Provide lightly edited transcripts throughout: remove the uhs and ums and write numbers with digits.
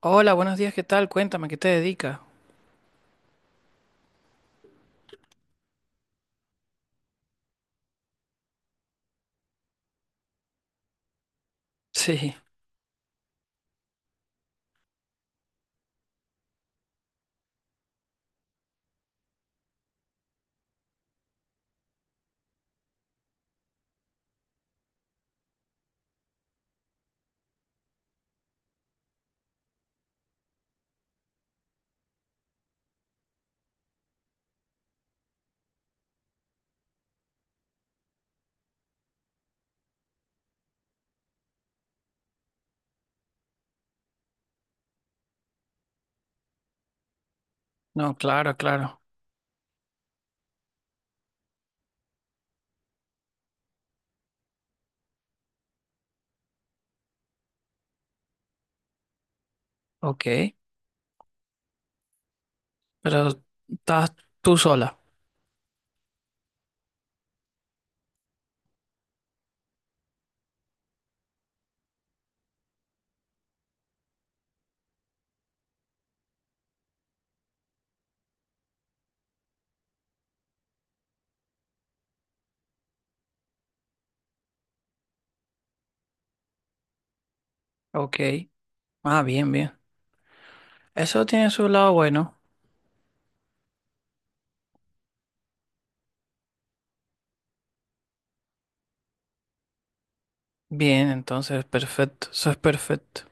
Hola, buenos días, ¿qué tal? Cuéntame, ¿qué te dedicas? Sí, no, claro, claro. Ok, pero estás tú sola. Ok, ah, bien, bien. Eso tiene su lado bueno. Bien, entonces, perfecto, eso es perfecto.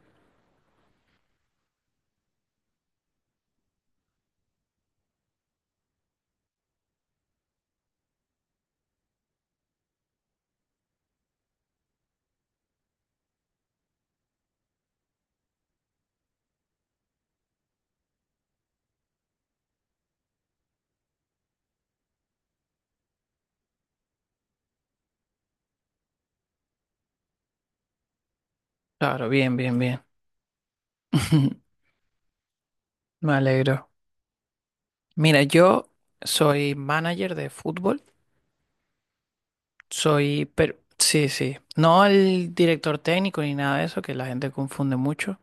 Claro, bien, bien, bien. Me alegro. Mira, yo soy manager de fútbol. Soy, pero, sí, sí. No el director técnico ni nada de eso, que la gente confunde mucho,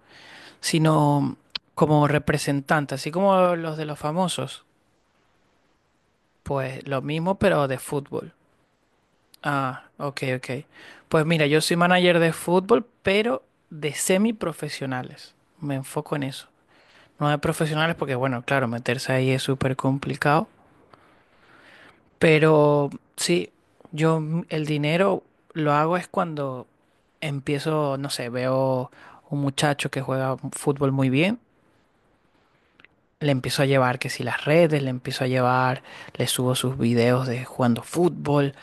sino como representante, así como los de los famosos. Pues lo mismo, pero de fútbol. Ah, ok, ok. Pues mira, yo soy manager de fútbol, pero de semiprofesionales. Me enfoco en eso. No de profesionales porque, bueno, claro, meterse ahí es súper complicado. Pero sí, el dinero lo hago es cuando empiezo, no sé, veo un muchacho que juega fútbol muy bien. Le empiezo a llevar que si las redes, le empiezo a llevar, le subo sus videos de jugando fútbol,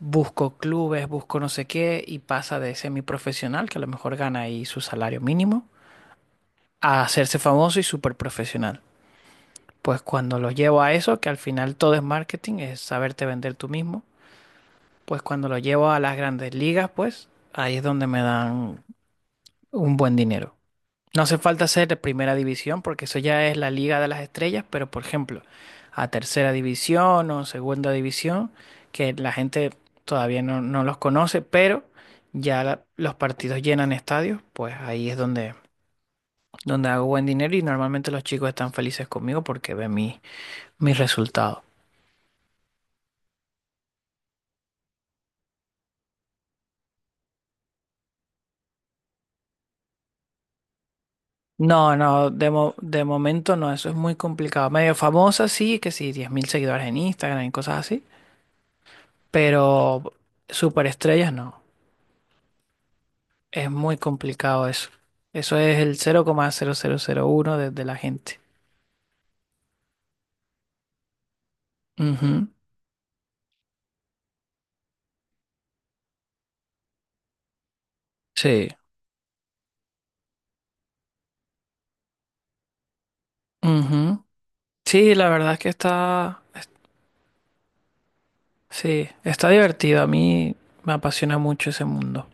busco clubes, busco no sé qué, y pasa de semiprofesional, que a lo mejor gana ahí su salario mínimo, a hacerse famoso y súper profesional. Pues cuando lo llevo a eso, que al final todo es marketing, es saberte vender tú mismo, pues cuando lo llevo a las grandes ligas, pues ahí es donde me dan un buen dinero. No hace falta ser de primera división porque eso ya es la Liga de las Estrellas, pero por ejemplo, a tercera división o segunda división, que la gente todavía no los conoce, pero ya los partidos llenan estadios, pues ahí es donde, donde hago buen dinero y normalmente los chicos están felices conmigo porque ven mi, mis resultados. No, no, de momento no, eso es muy complicado. Medio famosa sí, que sí, 10.000 seguidores en Instagram y cosas así, pero superestrellas no. Es muy complicado eso. Eso es el 0,0001 de la gente. Ujú. Sí. Ujú. Sí, la verdad es que sí, está divertido. A mí me apasiona mucho ese mundo.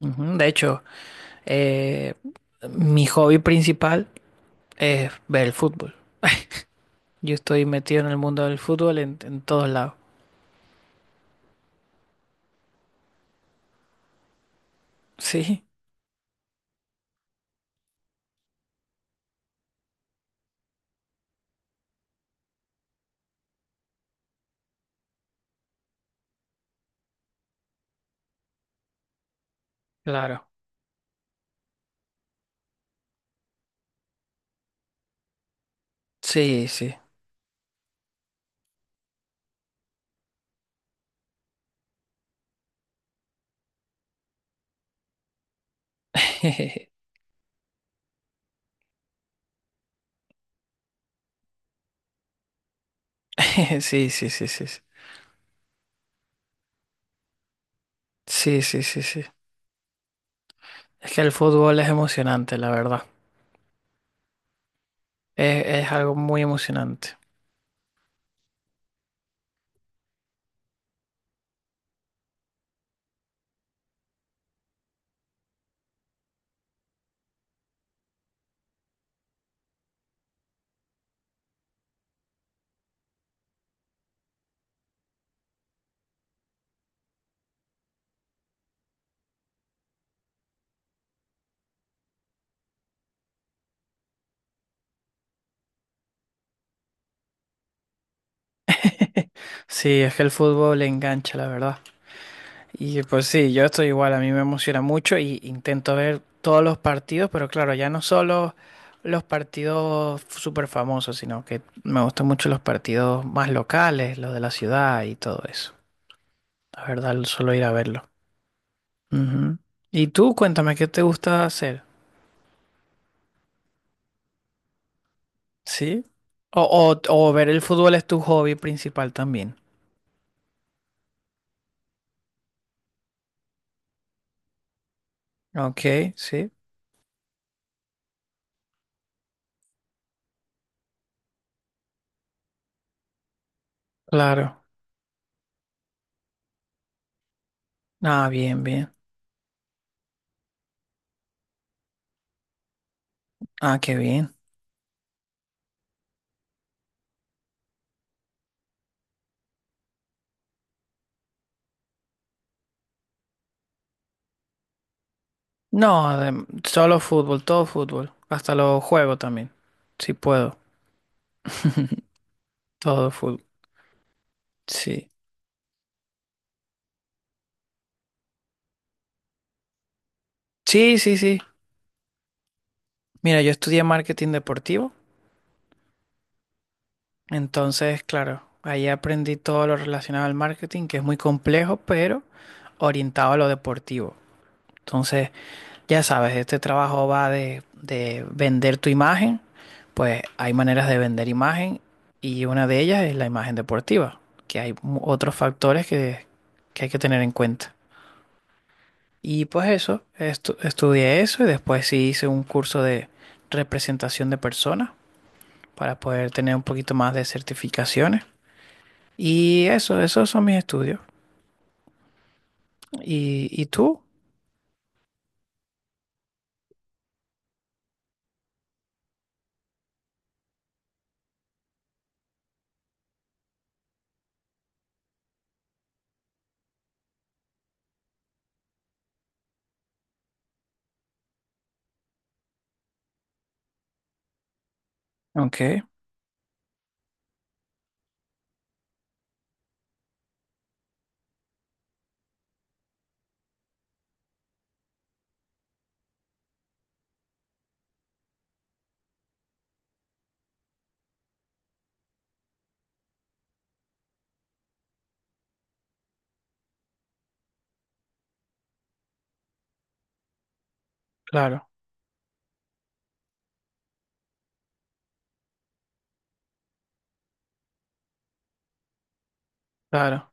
Ujú. De hecho, eh, mi hobby principal es ver el fútbol. Yo estoy metido en el mundo del fútbol en todos lados. Sí, claro. Sí, sí. Sí, sí, sí, sí, sí. Sí, sí, sí, sí. Es que el fútbol es emocionante, la verdad. Es algo muy emocionante. Sí, es que el fútbol le engancha, la verdad. Y pues sí, yo estoy igual, a mí me emociona mucho y intento ver todos los partidos, pero claro, ya no solo los partidos súper famosos, sino que me gustan mucho los partidos más locales, los de la ciudad y todo eso. La verdad, solo ir a verlo. Ujú. Y tú, cuéntame, ¿qué te gusta hacer? ¿Sí? O ver el fútbol es tu hobby principal también. Ok, sí. Claro. Ah, bien, bien. Ah, qué bien. No, solo fútbol, todo fútbol. Hasta los juegos también. Si puedo. Todo fútbol. Sí. Sí, sí, sí. Mira, yo estudié marketing deportivo. Entonces, claro, ahí aprendí todo lo relacionado al marketing, que es muy complejo, pero orientado a lo deportivo. Entonces, ya sabes, este trabajo va de vender tu imagen. Pues hay maneras de vender imagen y una de ellas es la imagen deportiva, que hay otros factores que hay que tener en cuenta. Y pues eso, estudié eso y después sí hice un curso de representación de personas para poder tener un poquito más de certificaciones. Y eso, esos son mis estudios. Y tú? Ok, claro, claro,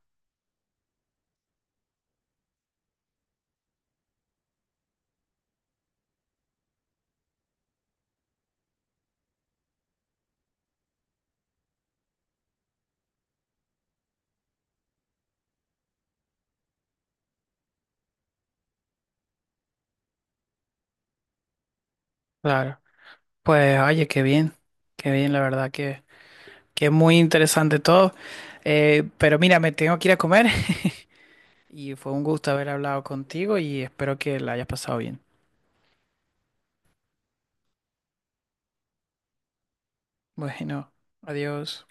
claro. Pues oye, qué bien, la verdad que es muy interesante todo. Pero mira, me tengo que ir a comer. Y fue un gusto haber hablado contigo y espero que la hayas pasado bien. Bueno, adiós.